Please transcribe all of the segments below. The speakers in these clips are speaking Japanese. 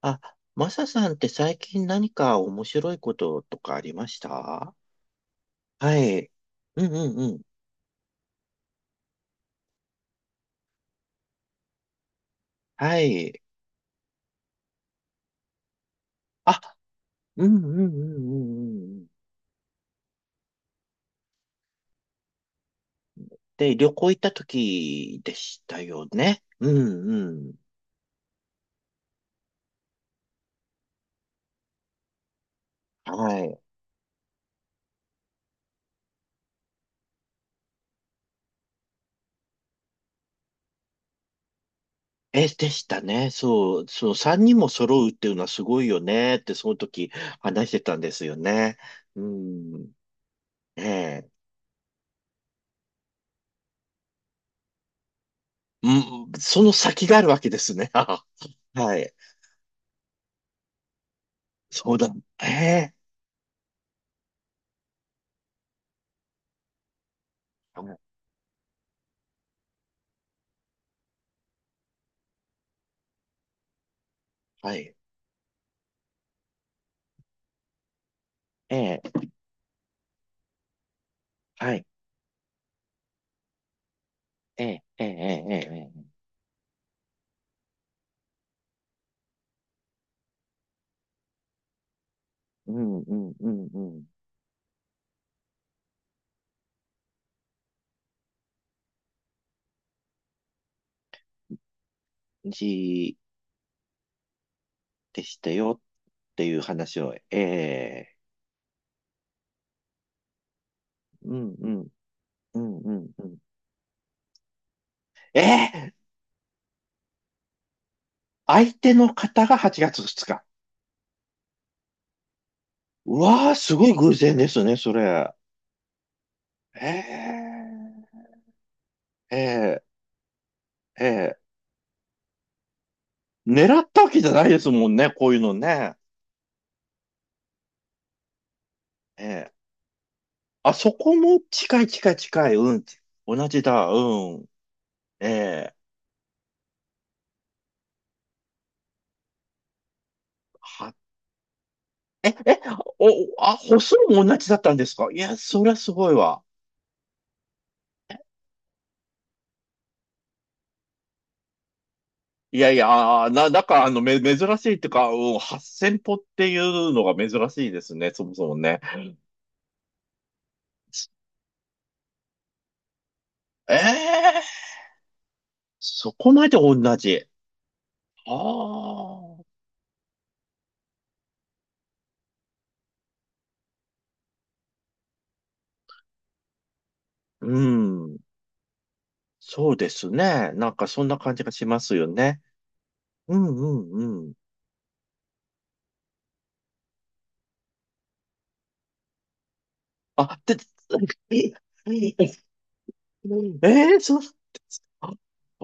あ、マサさんって最近何か面白いこととかありました？はい。うんうんうん。はい。あ、うんうんうんうんうんうん。で、旅行行った時でしたよね。うんうん。はい。え、でしたね。そう、そう、三人も揃うっていうのはすごいよねって、その時話してたんですよね。うん。ええ。うん、その先があるわけですね。はい。そうだ。ええ。はい。はい。ええ、はい。ええ、ええ、ええ、ええ。ええ、うん、うん、うん、うん。でしたよっていう話を、ええ、うん、うん、うん、うん、うん。ええ、相手の方が8月2日。うわあ、すごい偶然ですね、それ。ええ、ええ、ええ。狙ったわけじゃないですもんね、こういうのね。ええ。あ、そこも近い近い近い、うん。同じだ、うん。ええ。は、お、あ、歩数も同じだったんですか。いや、そりゃすごいわ。いやいや、な、なんか、あの、珍しいっていうか、うん、8,000歩っていうのが珍しいですね、そもそもね。ええ、そこまで同じ。ああ、うん。そうですね。なんか、そんな感じがしますよね。うんうんうん。あ、で、ええ、そう、ああ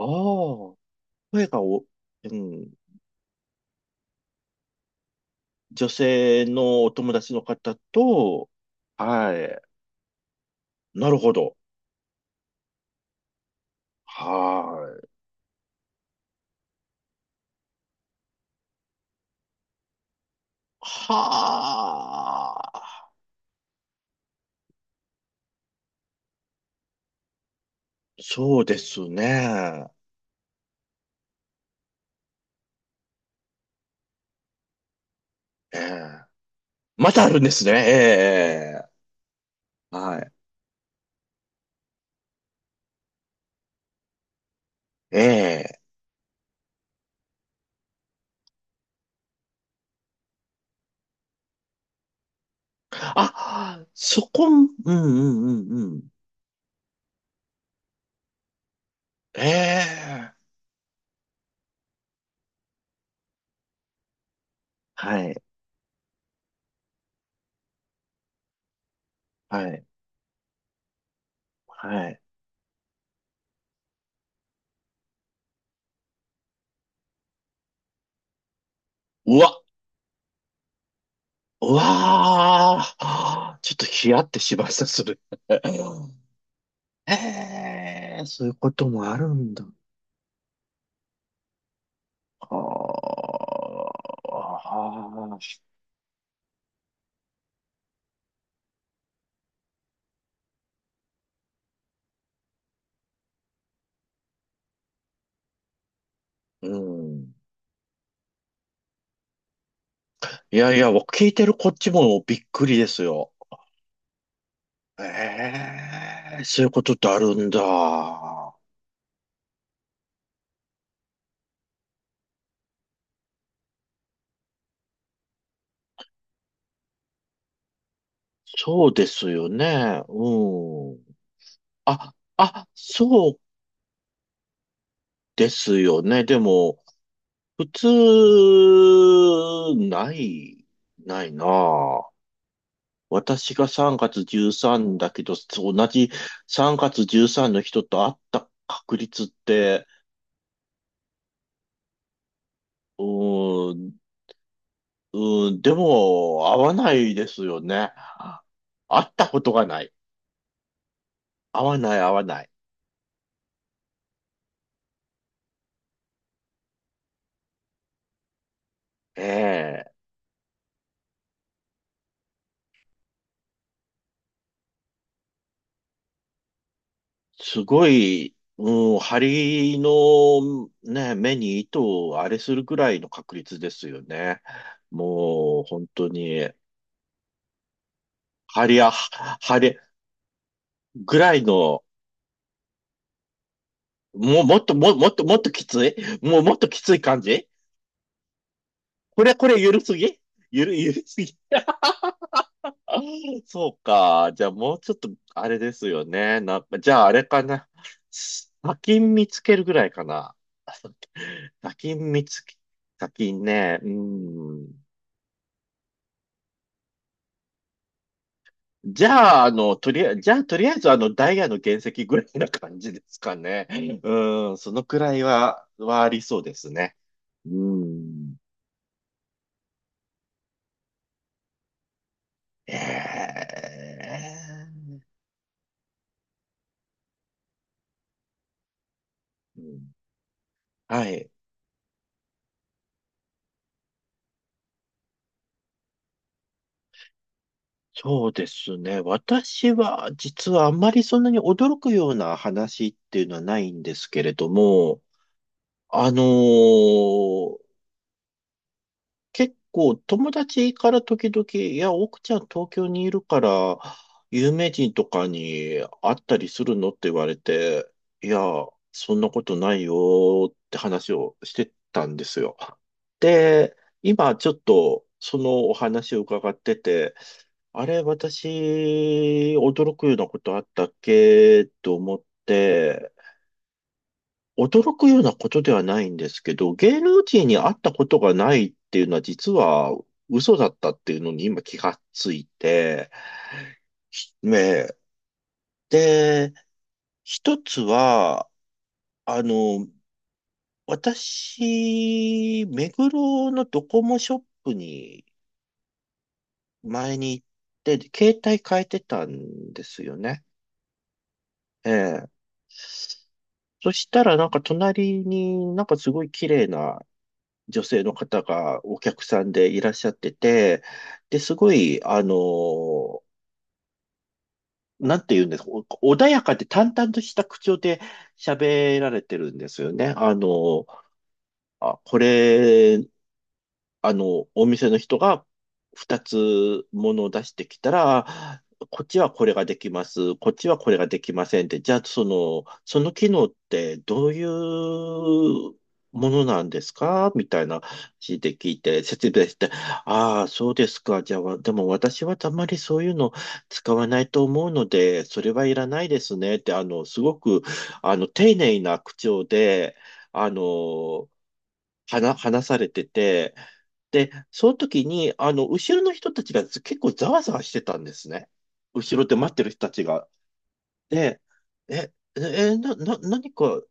ー、声が、お、うん。女性のお友達の方と、はい。なるほど。はい。はあ、そうですね。ええ。またあるんですね。ええ、ええ、はい。ええ。あ、そこ、うんうんうんうん。ええ。はい、はい、はい。うわ、うわあ、ちょっとヒヤってしました、それ。ええ、そういうこともあるんだ。ああ、あうん。いやいや、聞いてるこっちもびっくりですよ。ええ、そういうことってあるんだ。そうですよね。うん。あ、あ、そうですよね。でも、普通、ない、ないなあ。私が3月13だけど、同じ3月13の人と会った確率って、うーん、うーん、でも、合わないですよね。会ったことがない。合わない、合わない。ええ、すごい、うん、針の、ね、目に糸をあれするくらいの確率ですよね。もう、本当に、針や、針ぐらいの、もう、もっと、もっと、もっときつい、もう、もっときつい感じ。これ、これ、ゆるすぎ、ゆるすぎ。 そうか。じゃあもうちょっと、あれですよね。じゃああれかな。砂金見つけるぐらいかな。砂金見つけ、砂金ね。うん。じゃあ、あの、とりあえず、あの、ダイヤの原石ぐらいな感じですかね。うん、そのくらいは、ありそうですね。うん。ええ、うん、はい。そうですね。私は、実はあんまりそんなに驚くような話っていうのはないんですけれども、あのー結構友達から時々、いや、奥ちゃん東京にいるから、有名人とかに会ったりするのって言われて、いや、そんなことないよって話をしてたんですよ。で、今ちょっとそのお話を伺ってて、あれ、私、驚くようなことあったっけと思って、驚くようなことではないんですけど、芸能人に会ったことがないっていうのは実は嘘だったっていうのに今気がついて、ねえ、で、一つは、あの、私、目黒のドコモショップに前に行って、携帯変えてたんですよね。ええ。そしたらなんか隣になんかすごい綺麗な女性の方がお客さんでいらっしゃってて、で、すごい、あの、なんて言うんですか、お穏やかで淡々とした口調で喋られてるんですよね。あの、あ、これ、あの、お店の人が二つものを出してきたら、こっちはこれができます、こっちはこれができませんって、じゃあその機能ってどういうものなんですかみたいな話で聞いて、説明して、ああ、そうですか。じゃあ、でも私はあまりそういうの使わないと思うので、それはいらないですねって、あの、すごく、あの、丁寧な口調で、あの、話されてて、で、その時に、あの、後ろの人たちが結構ざわざわしてたんですね。後ろで待ってる人たちが。で、え、え、え、な、何か、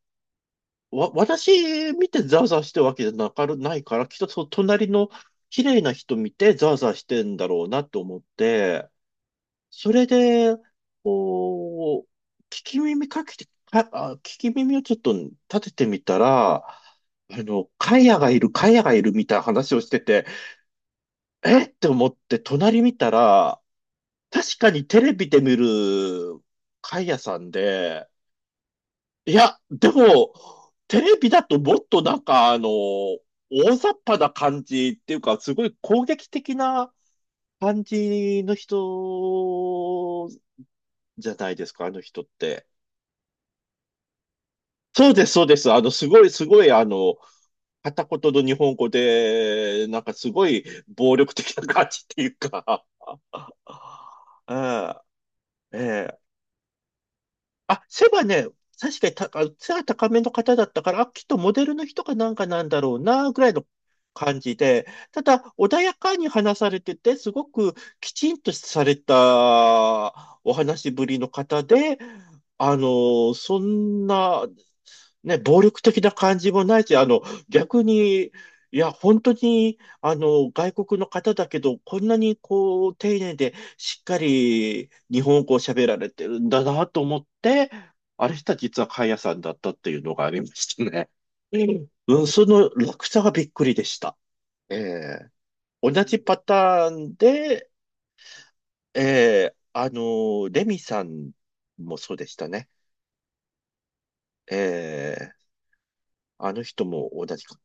私見てざわざわしてるわけじゃないから、きっとその隣の綺麗な人見てざわざわしてんだろうなと思って、それで、こう、聞き耳かけて、聞き耳をちょっと立ててみたら、あの、カヤがいる、カヤがいるみたいな話をしてて、えって思って隣見たら、確かにテレビで見るカヤさんで、いや、でも、テレビだともっとなんかあの、大雑把な感じっていうか、すごい攻撃的な感じの人じゃないですか、あの人って。そうです、そうです。あの、すごい、すごい、あの、片言の日本語で、なんかすごい暴力的な感じっていうか、うん、ええ、あ、背がね、確かにた、背が高めの方だったから、あ、きっとモデルの人かなんかなんだろうな、ぐらいの感じで、ただ、穏やかに話されてて、すごくきちんとされたお話しぶりの方で、あの、そんな、ね、暴力的な感じもないし、あの、逆に、いや、本当に、あの、外国の方だけど、こんなにこう、丁寧でしっかり日本語を喋られてるんだなと思って、あれした実はカンヤさんだったっていうのがありましたね。うん、その落差がびっくりでした。ええ、同じパターンで、ええ、あの、レミさんもそうでしたね。ええ、あの人も同じか。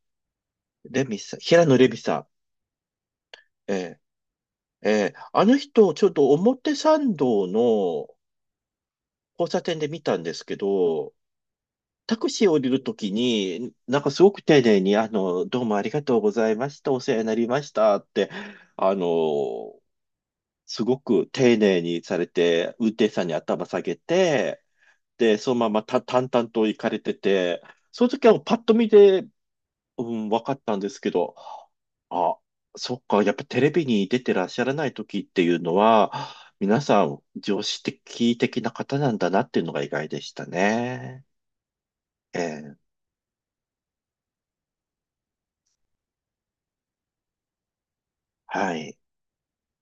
レミさん、平野レミさん。ええ、ええ、あの人、ちょっと表参道の交差点で見たんですけど、タクシー降りるときに、なんかすごく丁寧に、あの、どうもありがとうございました、お世話になりましたって、あの、すごく丁寧にされて、運転手さんに頭下げて、で、そのままた淡々と行かれてて、その時はパッと見で、うん、分かったんですけど、あ、そっか、やっぱテレビに出てらっしゃらない時っていうのは、皆さん常識的な方なんだなっていうのが意外でしたね。ええ、はい。